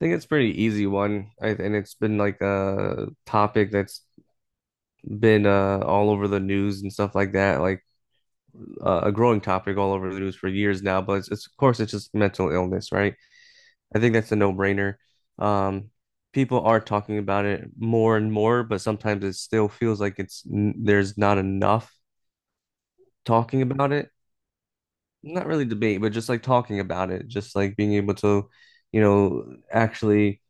Think it's pretty easy one. And it's been like a topic that's been all over the news and stuff like that, like a growing topic all over the news for years now. But it's of course it's just mental illness, right? I think that's a no-brainer. Um, People are talking about it more and more, but sometimes it still feels like there's not enough talking about it. Not really debate, but just like talking about it, just like being able to, actually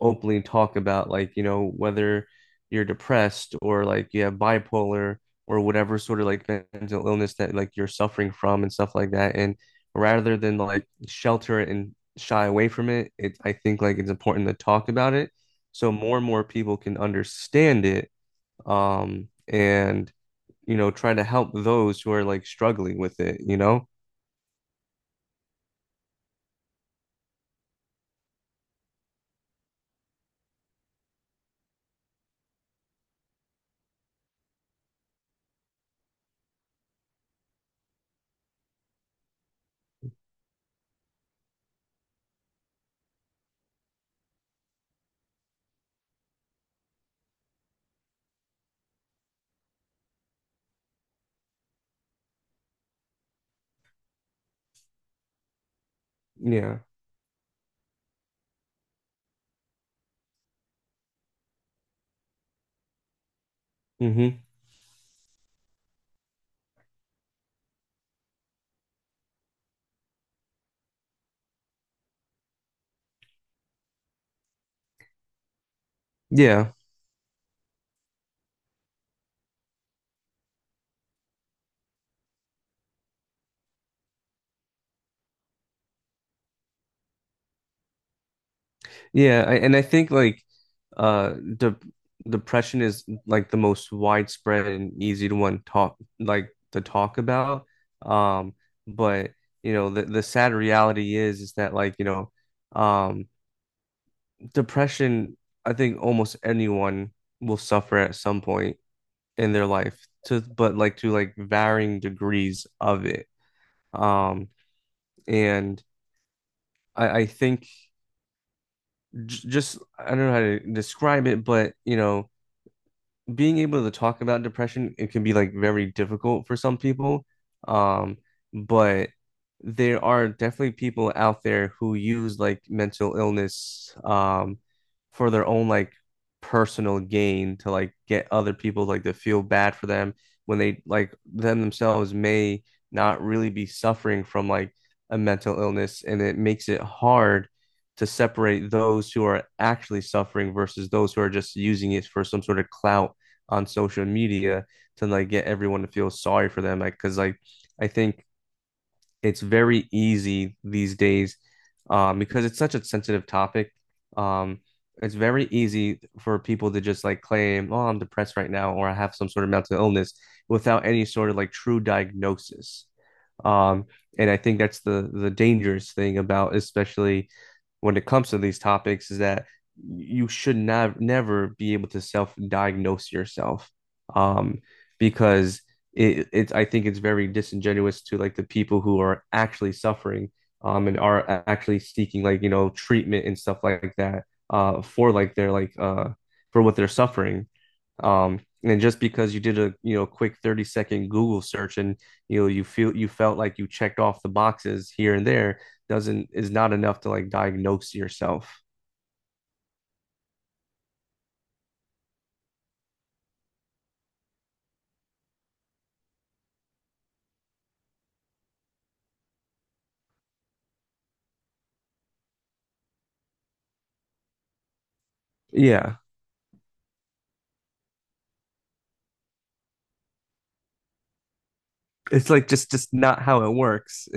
openly talk about like, whether you're depressed or like you have bipolar or whatever sort of like mental illness that like you're suffering from and stuff like that. And rather than like shelter it and shy away from it, I think like it's important to talk about it so more and more people can understand it. And try to help those who are like struggling with it, you know? Yeah. Mm-hmm. Yeah. Yeah, and I think like uh de depression is like the most widespread and easy to talk about. Um, but the sad reality is that like um depression I think almost anyone will suffer at some point in their life to but like to like varying degrees of it. Um, and I think j just I don't know how to describe it, but being able to talk about depression, it can be like very difficult for some people. Um, but there are definitely people out there who use like mental illness for their own like personal gain to like get other people like to feel bad for them when they like them themselves may not really be suffering from like a mental illness and it makes it hard to separate those who are actually suffering versus those who are just using it for some sort of clout on social media to like get everyone to feel sorry for them. Like, cause like I think it's very easy these days, because it's such a sensitive topic. Um, it's very easy for people to just like claim, "Oh, I'm depressed right now," or "I have some sort of mental illness," without any sort of like true diagnosis. Um, and I think that's the dangerous thing about, especially when it comes to these topics, is that you should not never be able to self-diagnose yourself, um, because it's I think it's very disingenuous to like the people who are actually suffering and are actually seeking like treatment and stuff like that for like their like for what they're suffering and just because you did a quick 30-second Google search and you felt like you checked off the boxes here and there doesn't is not enough to like diagnose yourself. Yeah, it's like just not how it works.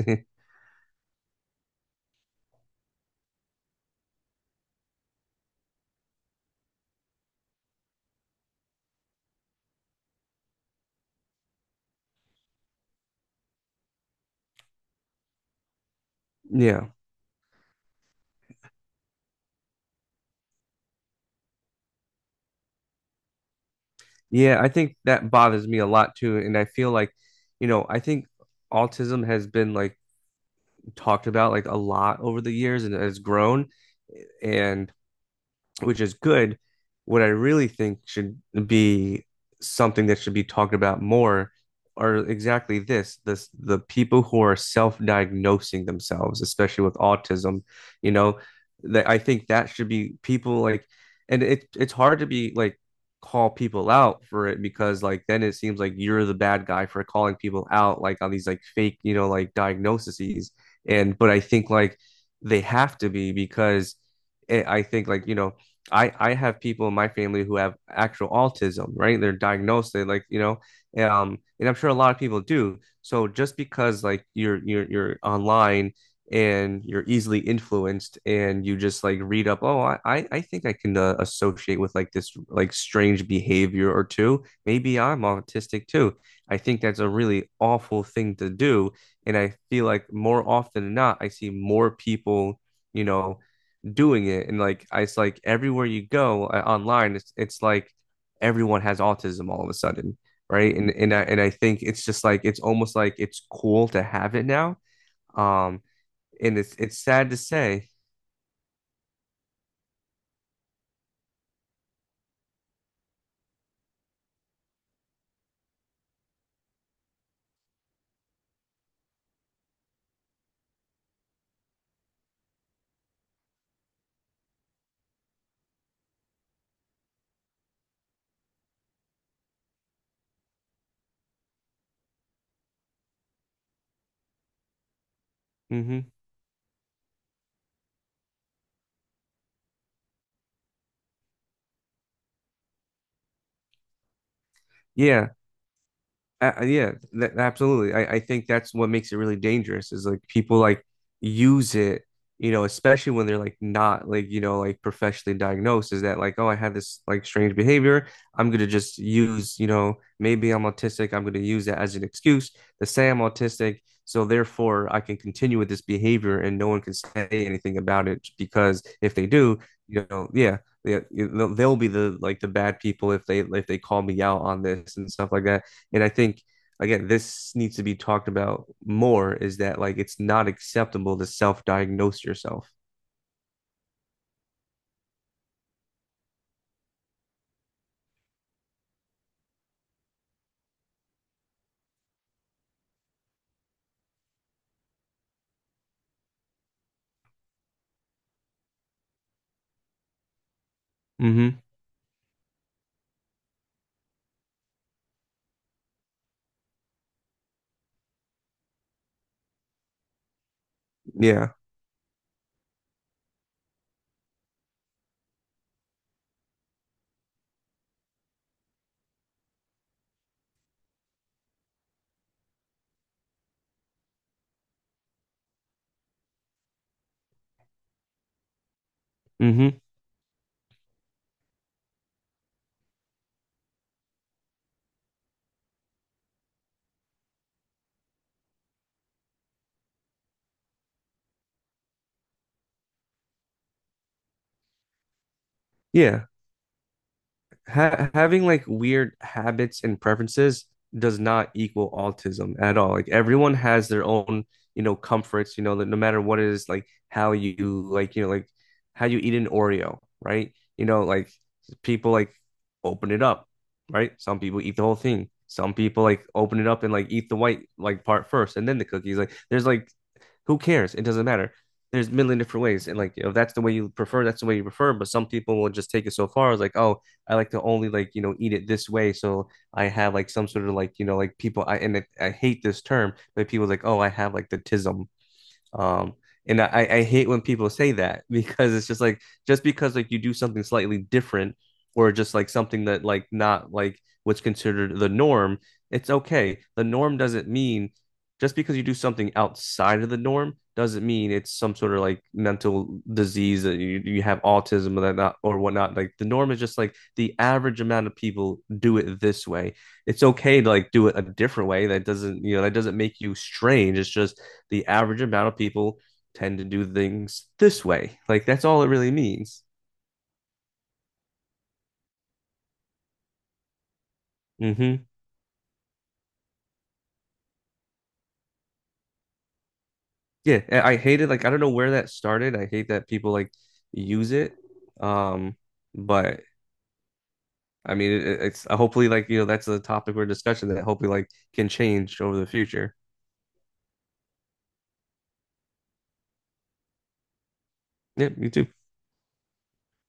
Yeah. Yeah, I think that bothers me a lot too. And I feel like, I think autism has been like talked about like a lot over the years and has grown. And which is good. What I really think should be something that should be talked about more are exactly this, the people who are self-diagnosing themselves, especially with autism, you know, that I think that should be people like, and it's hard to be like call people out for it because like then it seems like you're the bad guy for calling people out like on these like fake like diagnoses. And but I think like they have to be because I think like I have people in my family who have actual autism, right? They're diagnosed, they like, and I'm sure a lot of people do. So just because like you're online and you're easily influenced and you just like read up, oh, I think I can associate with like this like strange behavior or two. Maybe I'm autistic too. I think that's a really awful thing to do, and I feel like more often than not, I see more people, you know doing it, and like it's like everywhere you go online, it's like everyone has autism all of a sudden, right. And I think it's just like it's almost like it's cool to have it now, um and it's sad to say. Hmm. Yeah. Yeah, absolutely. I think that's what makes it really dangerous is like people like use it, you know, especially when they're like not like, like professionally diagnosed, is that like, oh, I had this like strange behavior. I'm gonna just use, maybe I'm autistic. I'm gonna use that as an excuse to say I'm autistic. So therefore I can continue with this behavior and no one can say anything about it because if they do, yeah. Yeah, they'll be the bad people if they call me out on this and stuff like that. And I think again, this needs to be talked about more is that like it's not acceptable to self-diagnose yourself. Mm-hmm. Yeah. Mm-hmm. Yeah. ha having like weird habits and preferences does not equal autism at all. Like everyone has their own, comforts, that no matter what it is, like how you like, like how you eat an Oreo, right? You know, like people like open it up, right? Some people eat the whole thing. Some people like open it up and like eat the white like part first and then the cookies. Like there's like, who cares? It doesn't matter. There's a million different ways. And like if that's the way you prefer, that's the way you prefer. But some people will just take it so far as like, oh, I like to only like, eat it this way. So I have like some sort of like, like people I hate this term, but people like, oh, I have like the tism. Um, and I hate when people say that because it's just like just because like you do something slightly different or just like something that like not like what's considered the norm, it's okay. The norm doesn't mean just because you do something outside of the norm doesn't mean it's some sort of like mental disease that you have autism or that not or whatnot. Like the norm is just like the average amount of people do it this way. It's okay to like do it a different way. That doesn't make you strange. It's just the average amount of people tend to do things this way. Like that's all it really means. Hmm. Yeah, I hate it. Like I don't know where that started. I hate that people like use it. Um, but I mean, it's hopefully like that's a topic we discussion that hopefully like can change over the future. Yeah, me too.